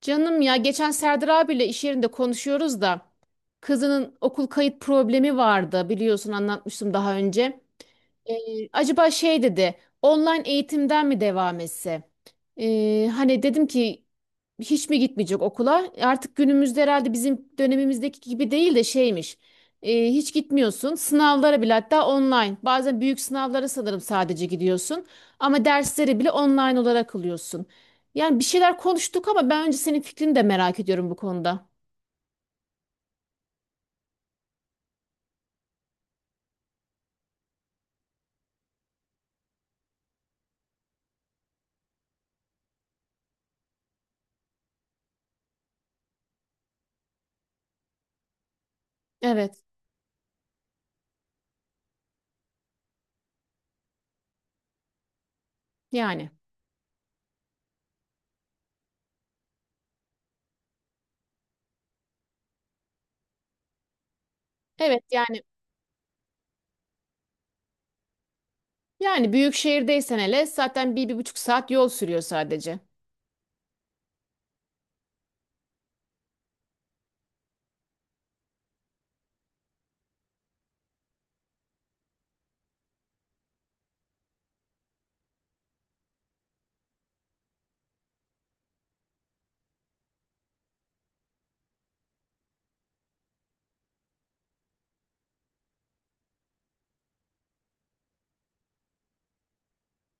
Canım ya geçen Serdar abiyle iş yerinde konuşuyoruz da kızının okul kayıt problemi vardı biliyorsun anlatmıştım daha önce. Acaba şey dedi online eğitimden mi devam etse? Hani dedim ki hiç mi gitmeyecek okula? Artık günümüzde herhalde bizim dönemimizdeki gibi değil de şeymiş. Hiç gitmiyorsun. Sınavlara bile hatta online. Bazen büyük sınavlara sanırım sadece gidiyorsun. Ama dersleri bile online olarak alıyorsun. Yani bir şeyler konuştuk ama ben önce senin fikrini de merak ediyorum bu konuda. Evet yani. Evet yani. Yani büyük şehirdeysen hele zaten bir buçuk saat yol sürüyor sadece.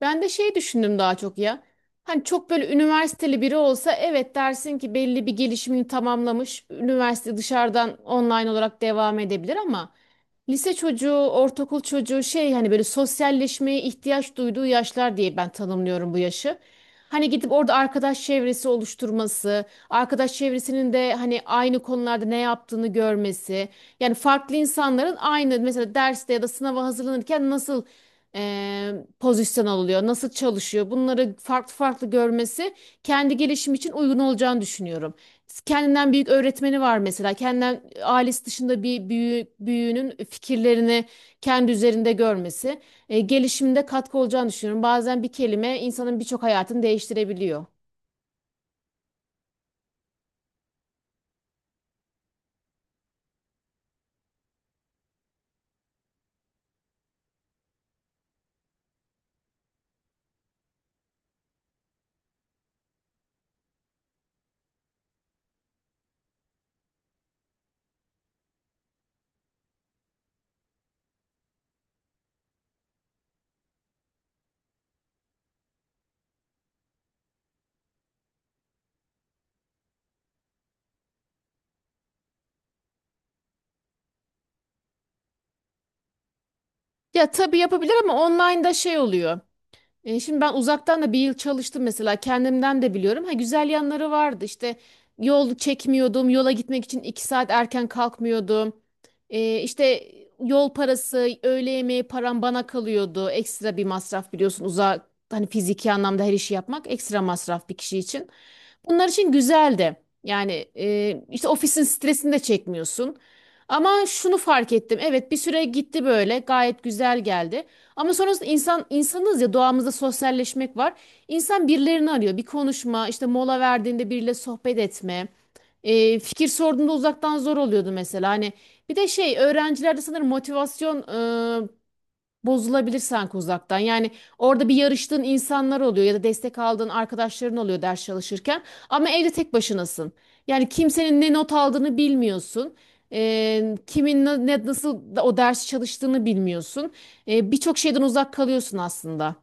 Ben de şey düşündüm daha çok ya. Hani çok böyle üniversiteli biri olsa evet dersin ki belli bir gelişimini tamamlamış. Üniversite dışarıdan online olarak devam edebilir ama lise çocuğu, ortaokul çocuğu şey hani böyle sosyalleşmeye ihtiyaç duyduğu yaşlar diye ben tanımlıyorum bu yaşı. Hani gidip orada arkadaş çevresi oluşturması, arkadaş çevresinin de hani aynı konularda ne yaptığını görmesi. Yani farklı insanların aynı mesela derste ya da sınava hazırlanırken nasıl pozisyon alıyor, nasıl çalışıyor bunları farklı farklı görmesi kendi gelişim için uygun olacağını düşünüyorum. Kendinden büyük öğretmeni var mesela. Kendinden ailesi dışında bir büyüğünün fikirlerini kendi üzerinde görmesi gelişimde katkı olacağını düşünüyorum. Bazen bir kelime insanın birçok hayatını değiştirebiliyor. Ya tabii yapabilir ama online'da şey oluyor. Şimdi ben uzaktan da bir yıl çalıştım mesela kendimden de biliyorum. Ha güzel yanları vardı işte yol çekmiyordum yola gitmek için iki saat erken kalkmıyordum. İşte yol parası öğle yemeği param bana kalıyordu. Ekstra bir masraf biliyorsun uzak hani fiziki anlamda her işi yapmak ekstra masraf bir kişi için. Bunlar için güzeldi. Yani işte ofisin stresini de çekmiyorsun. Ama şunu fark ettim. Evet bir süre gitti böyle gayet güzel geldi. Ama sonrasında insan insanız ya doğamızda sosyalleşmek var. İnsan birilerini arıyor. Bir konuşma, işte mola verdiğinde biriyle sohbet etme. Fikir sorduğunda uzaktan zor oluyordu mesela. Hani bir de şey öğrencilerde sanırım motivasyon bozulabilirsen sanki uzaktan. Yani orada bir yarıştığın insanlar oluyor ya da destek aldığın arkadaşların oluyor ders çalışırken. Ama evde tek başınasın. Yani kimsenin ne not aldığını bilmiyorsun. Kimin nasıl o dersi çalıştığını bilmiyorsun. Birçok şeyden uzak kalıyorsun aslında.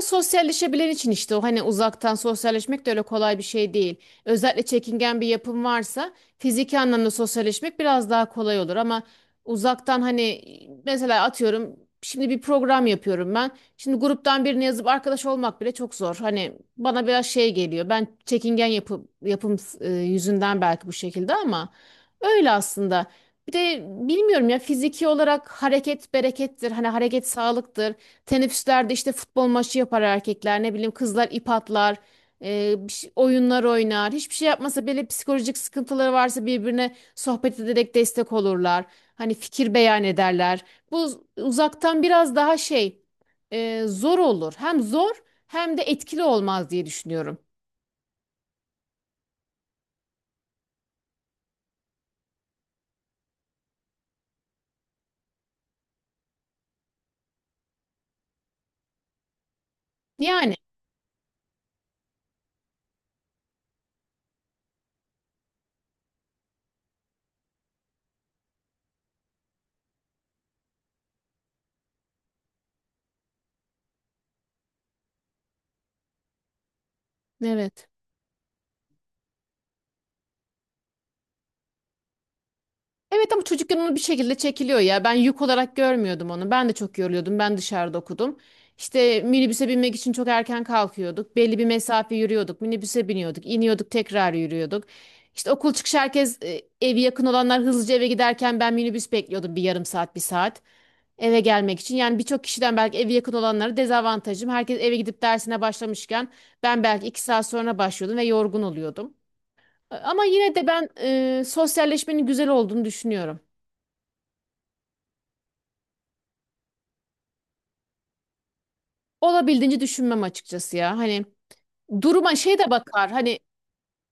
Sosyalleşebilen için işte o hani uzaktan sosyalleşmek de öyle kolay bir şey değil. Özellikle çekingen bir yapım varsa fiziki anlamda sosyalleşmek biraz daha kolay olur ama uzaktan hani mesela atıyorum şimdi bir program yapıyorum ben. Şimdi gruptan birine yazıp arkadaş olmak bile çok zor. Hani bana biraz şey geliyor. Ben çekingen yapım yüzünden belki bu şekilde ama öyle aslında. Bir de bilmiyorum ya fiziki olarak hareket berekettir. Hani hareket sağlıktır. Teneffüslerde işte futbol maçı yapar erkekler, ne bileyim kızlar ip atlar, oyunlar oynar. Hiçbir şey yapmasa bile psikolojik sıkıntıları varsa birbirine sohbet ederek destek olurlar. Hani fikir beyan ederler. Bu uzaktan biraz daha şey zor olur. Hem zor hem de etkili olmaz diye düşünüyorum. Yani evet. Evet ama çocukken onu bir şekilde çekiliyor ya. Ben yük olarak görmüyordum onu. Ben de çok yoruluyordum. Ben dışarıda okudum. İşte minibüse binmek için çok erken kalkıyorduk. Belli bir mesafe yürüyorduk. Minibüse biniyorduk. İniyorduk tekrar yürüyorduk. İşte okul çıkışı herkes evi yakın olanlar hızlıca eve giderken ben minibüs bekliyordum bir yarım saat bir saat eve gelmek için. Yani birçok kişiden belki evi yakın olanlara dezavantajım. Herkes eve gidip dersine başlamışken ben belki iki saat sonra başlıyordum ve yorgun oluyordum. Ama yine de ben sosyalleşmenin güzel olduğunu düşünüyorum. Olabildiğince düşünmem açıkçası ya. Hani duruma şey de bakar. Hani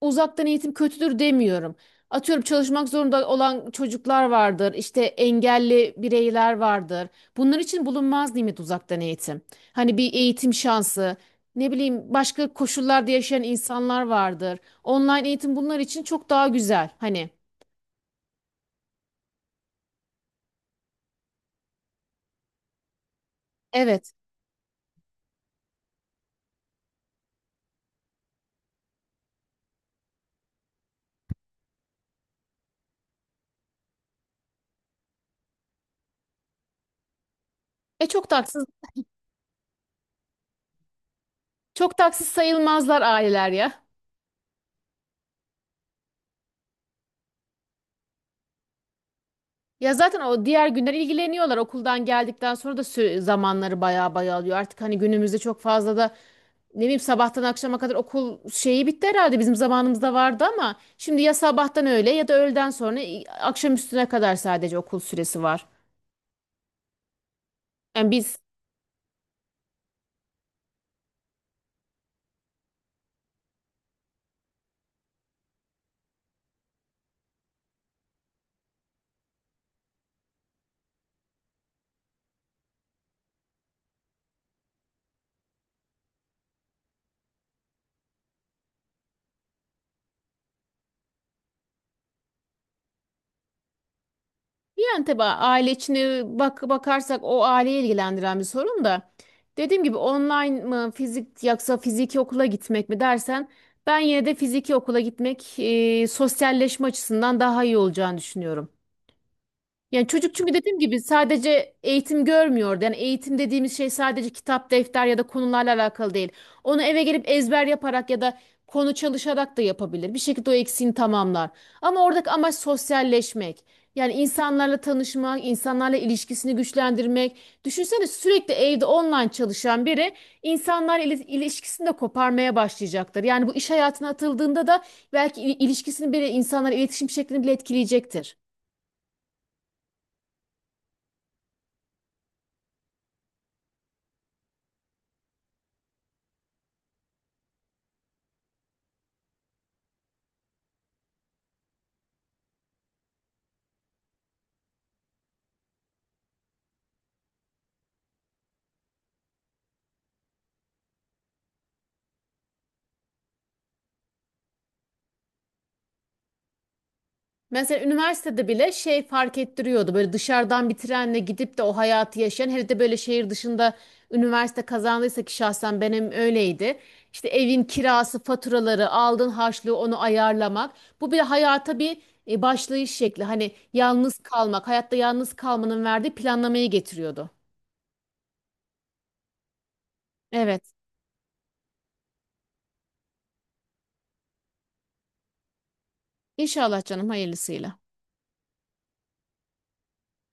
uzaktan eğitim kötüdür demiyorum. Atıyorum çalışmak zorunda olan çocuklar vardır. İşte engelli bireyler vardır. Bunlar için bulunmaz nimet uzaktan eğitim. Hani bir eğitim şansı, ne bileyim başka koşullarda yaşayan insanlar vardır. Online eğitim bunlar için çok daha güzel. Hani evet. E çok taksız Çok taksız sayılmazlar aileler ya. Ya zaten o diğer günler ilgileniyorlar. Okuldan geldikten sonra da zamanları baya baya alıyor. Artık hani günümüzde çok fazla da ne bileyim sabahtan akşama kadar okul şeyi bitti herhalde. Bizim zamanımızda vardı ama şimdi ya sabahtan öğle ya da öğleden sonra akşam üstüne kadar sadece okul süresi var. Yani biz Yani tabii aile içine bak bakarsak o aileyi ilgilendiren bir sorun da. Dediğim gibi online mı fizik yoksa fiziki okula gitmek mi dersen ben yine de fiziki okula gitmek sosyalleşme açısından daha iyi olacağını düşünüyorum. Yani çocuk çünkü dediğim gibi sadece eğitim görmüyordu. Yani eğitim dediğimiz şey sadece kitap, defter ya da konularla alakalı değil. Onu eve gelip ezber yaparak ya da konu çalışarak da yapabilir. Bir şekilde o eksiğini tamamlar. Ama oradaki amaç sosyalleşmek. Yani insanlarla tanışmak, insanlarla ilişkisini güçlendirmek. Düşünsene sürekli evde online çalışan biri insanlarla ilişkisini de koparmaya başlayacaktır. Yani bu iş hayatına atıldığında da belki ilişkisini bile insanlarla iletişim şeklini bile etkileyecektir. Mesela üniversitede bile şey fark ettiriyordu. Böyle dışarıdan bir trenle gidip de o hayatı yaşayan, hele de böyle şehir dışında üniversite kazandıysa ki şahsen benim öyleydi. İşte evin kirası, faturaları, aldığın harçlığı onu ayarlamak. Bu bir hayata bir başlayış şekli. Hani yalnız kalmak, hayatta yalnız kalmanın verdiği planlamayı getiriyordu. Evet. İnşallah canım hayırlısıyla.